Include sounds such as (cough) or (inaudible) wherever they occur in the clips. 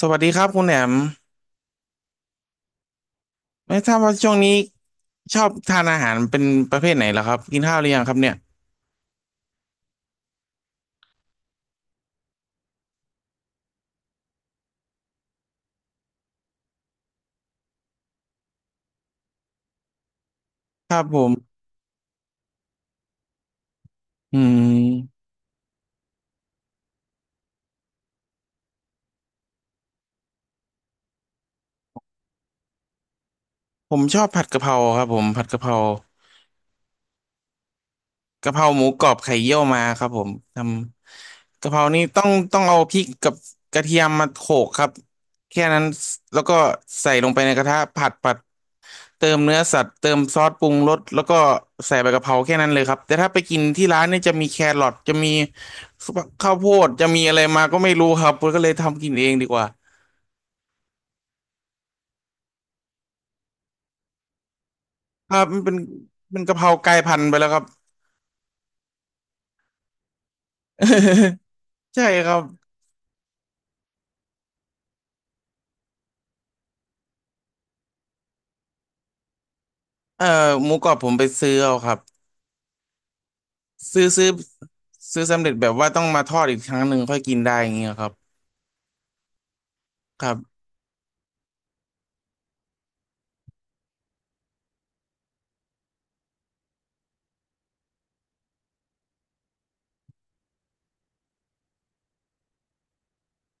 สวัสดีครับคุณแหนมไม่ทราบว่าช่วงนี้ชอบทานอาหารเป็นประเภทไหนเหรอครับกินข้าวหรือยังครับเนี่ยครับผมอืมผมชอบผัดกะเพราครับผมผัดกะเพรากะเพราหมูกรอบไข่เยี่ยวมาครับผมทำกะเพรานี่ต้องเอาพริกกับกระเทียมมาโขลกครับแค่นั้นแล้วก็ใส่ลงไปในกระทะผัด เติมเนื้อสัตว์เติมซอสปรุงรสแล้วก็ใส่ใบกะเพราแค่นั้นเลยครับแต่ถ้าไปกินที่ร้านเนี่ยจะมีแครอทจะมีข้าวโพดจะมีอะไรมาก็ไม่รู้ครับผมก็เลยทำกินเองดีกว่าครับมันเป็นกะเพรากลายพันธุ์ไปแล้วครับ (laughs) ใช่ครับเอ่อหมูกรอบผมไปซื้อเอาครับซื้อซื้อซื้อสำเร็จแบบว่าต้องมาทอดอีกครั้งหนึ่งค่อยกินได้อย่างเงี้ยครับครับ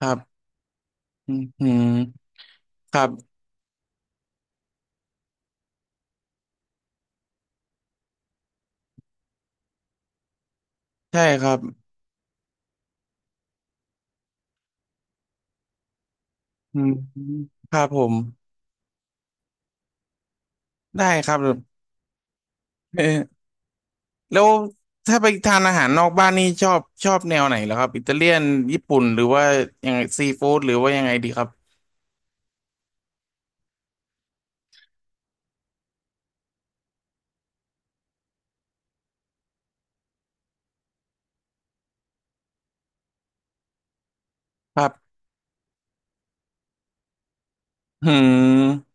ครับอืมครับใช่ครับอืมครับผมได้ครับ (laughs) แล้วถ้าไปทานอาหารนอกบ้านนี่ชอบแนวไหนเหรอครับอิตาเลียนญี่ปุ่นหรือว่ายังไงซีฟู้ดหรือว่ายังไงดีครับครับหืม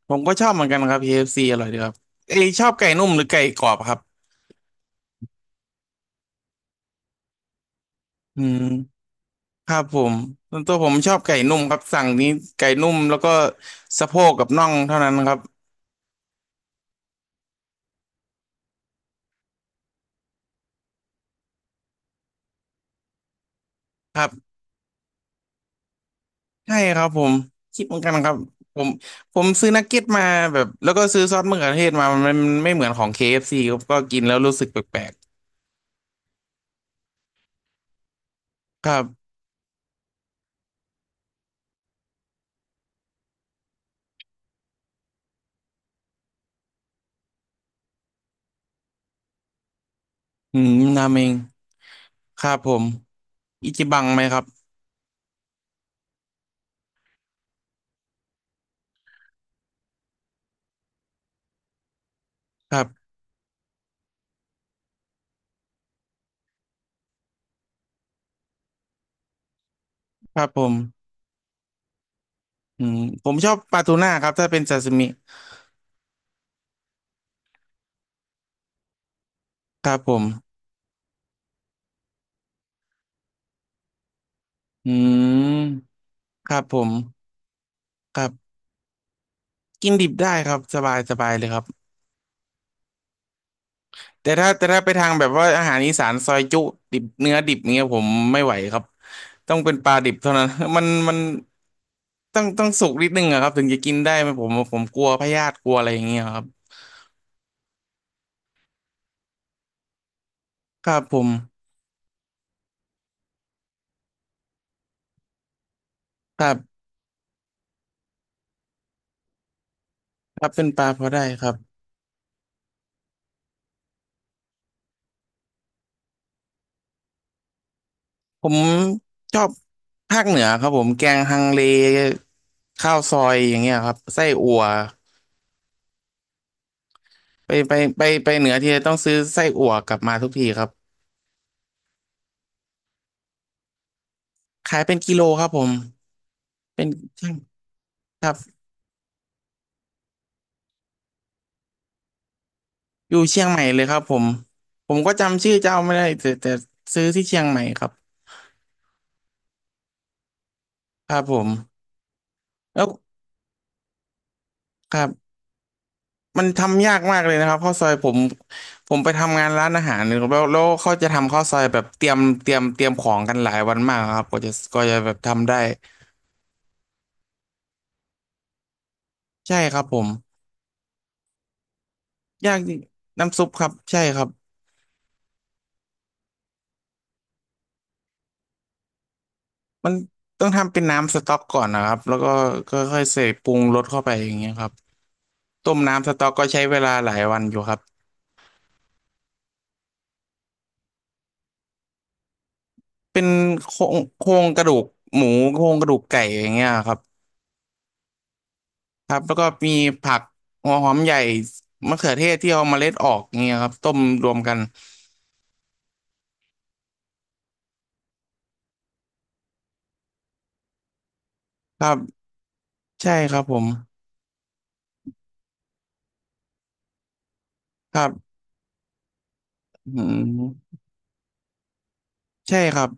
ผมก็ชอบเหมือนกันครับ KFC อฟซีอร่อยดีครับเอยชอบไก่นุ่มหรือไก่กรอบครับอืมครับผมส่วนตัวผมชอบไก่นุ่มครับสั่งนี้ไก่นุ่มแล้วก็สะโพกกับน่องเท่านั้นครับครับใช่ครับผมคิดเหมือนกันครับผมผมซื้อนักเก็ตมาแบบแล้วก็ซื้อซอสมะเขือเทศมามันไม่เหมือนของ KFC คเอฟซีครับก็กินแล้วรู้สึกแปลกๆครับ อืมนาเมงครับผมอิจิบังไหมครับครับครับผมอืมผมชอบปลาทูน่าครับถ้าเป็นซาซิมิครับผมอืมครับผมครับกินดิบได้ครับสบายสบายเลยครับแต่ถ้าไปทางแบบว่าอาหารอีสานซอยจุดิบเนื้อดิบเงี้ยผมไม่ไหวครับต้องเป็นปลาดิบเท่านั้น (laughs) มันต้องสุกนิดนึงอะครับถึงจะกินได้ไหมผมกลัวพยาธิกลัวอะไรอย่างเงี้ยครับครับผมครับครับเป็นปลาพอได้ครับ ผมชอบภาคเหนือครับผมแกงฮังเลข้าวซอยอย่างเงี้ยครับไส้อั่วไปไปไปเหนือทีไรต้องซื้อไส้อั่วกลับมาทุกทีครับขายเป็นกิโลครับผมเป็นช่างครับอยู่เชียงใหม่เลยครับผมผมก็จำชื่อเจ้าไม่ได้แต่ซื้อที่เชียงใหม่ครับครับผมแล้วครับ มันทำยากมากเลยนะครับข้าวซอยผมไปทำงานร้านอาหารแล้วแล้วเขาจะทำข้าวซอยแบบเตรียมของกันหลายวันมากครับก็จะแบบทำได้ใช่ครับผมยากจริงน้ำซุปครับใช่ครับมันต้องทำเป็นน้ำสต๊อกก่อนนะครับแล้วก็ก็ค่อยๆใส่ปรุงรสเข้าไปอย่างเงี้ยครับต้มน้ำสต๊อกก็ใช้เวลาหลายวันอยู่ครับเป็นโครงกระดูกหมูโครงกระดูกไก่อย่างเงี้ยครับ ครับแล้วก็มีผักหัวหอมใหญ่มะเขือเทศที่เอาเมล็ดออกเงี้ยครับต้มรวมกันครับใช่ครับผมครับอืมใช่ครับ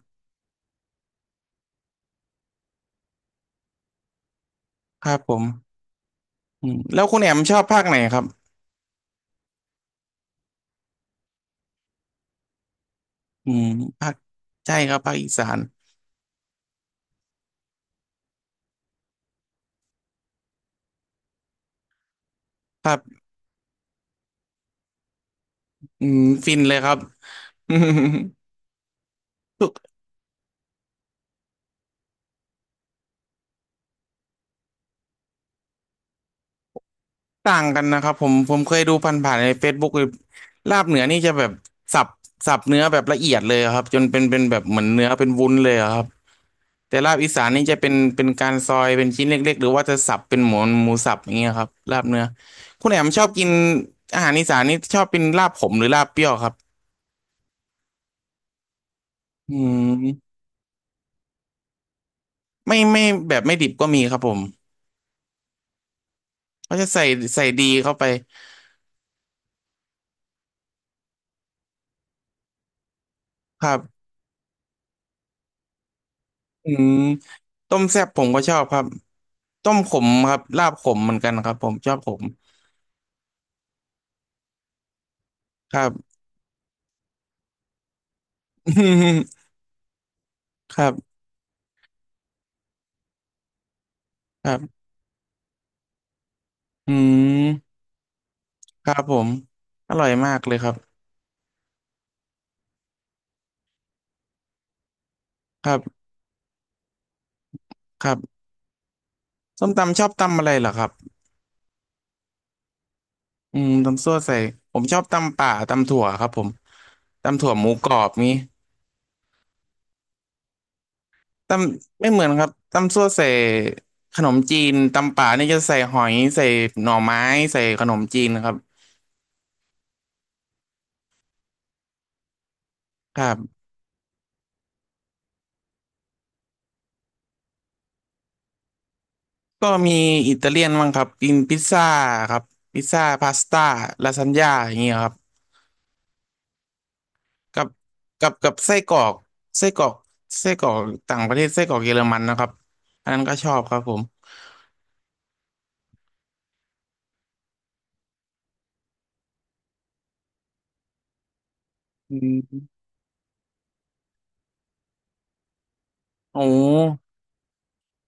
ครับผมอืมแล้วคุณแอมชอบภาคไหนครับอืมภาคใช่ครับภาคอีสานครับอืมฟินเลยครับ (laughs) อืมทุกต่างกันนะครับผมเคยดูผ่านๆใน Facebook เลยลาบเหนือนี่จะแบบสับสับเนื้อแบบละเอียดเลยครับจนเป็นแบบเหมือนเนื้อเป็นวุ้นเลยอะครับ แต่ลาบอีสานนี่จะเป็นการซอยเป็นชิ้นเล็กๆหรือว่าจะสับเป็นหมูหมูสับอย่างเงี้ยครับลาบเนื้อคุณแอมชอบกินอาหารอีสานนี่ชอบเป็นลาบขมหรือลาบเปรี้ยวครับอืมไม่แบบไม่ดิบก็มีครับผมเขาจะใส่ใส่ดีเข้าไปครับอืมต้มแซ่บผมก็ชอบครับต้มขมครับลาบขมเหมือนกันครับผมชอบขมครับ (laughs) ครับครับอืมครับผมอร่อยมากเลยครับครับครับส้มตำชอบตำอะไรเหรอครับ อืมตำซั่วใส่ผมชอบตำป่าตำถั่วครับผมตำถั่วหมูกรอบนี้ตำไม่เหมือนครับตำซั่วใส่ขนมจีนตำป่านี่จะใส่หอยใส่หน่อไม้ใส่ขนมจีนครับครับก็มีอิตาเลียนบ้างครับกินพิซซ่าครับพิซซ่าพาสต้าลาซานญ่าอย่างเงี้ยครับกับกับไส้กรอกไส้กรอกไส้กรอกต่างประเทศไส้กรอกเยอรมันนะครับอันนั้นก็ชอบครับผมอืมโอ้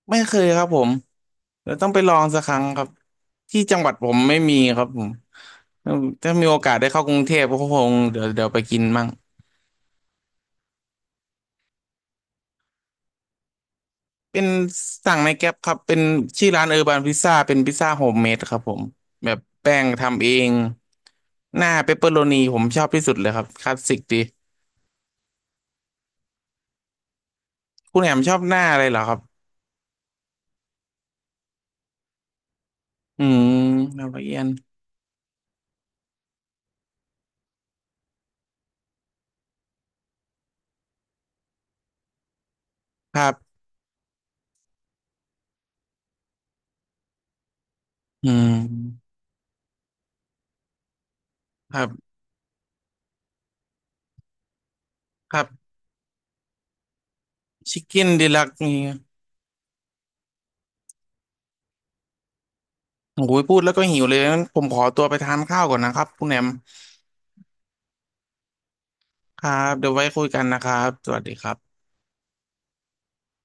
ไม่เคยครับผมเดี๋ยวต้องไปลองสักครั้งครับที่จังหวัดผมไม่มีครับผมถ้ามีโอกาสได้เข้ากรุงเทพก็คงเดี๋ยวไปกินมั่งเป็นสั่งในแก๊ปครับเป็นชื่อร้านเออร์บานพิซซ่าเป็นพิซซ่าโฮมเมดครับผมแบบแป้งทำเองหน้าเปปเปอโรนีผมชอบที่สุดเลยครับคลาสสิกดีคุณแหม่มชอบหน้าอะไรเหรอครับอืมละเอียนครับอืมครับครับชิคเก้นดีลักนี่ โอ้ยพูดแล้วก็หิวเลยงั้นผมขอตัวไปทานข้าวก่อนนะครับคุณแหนมครับเดี๋ยวไว้คุยกันนะครับสวัสดีครับ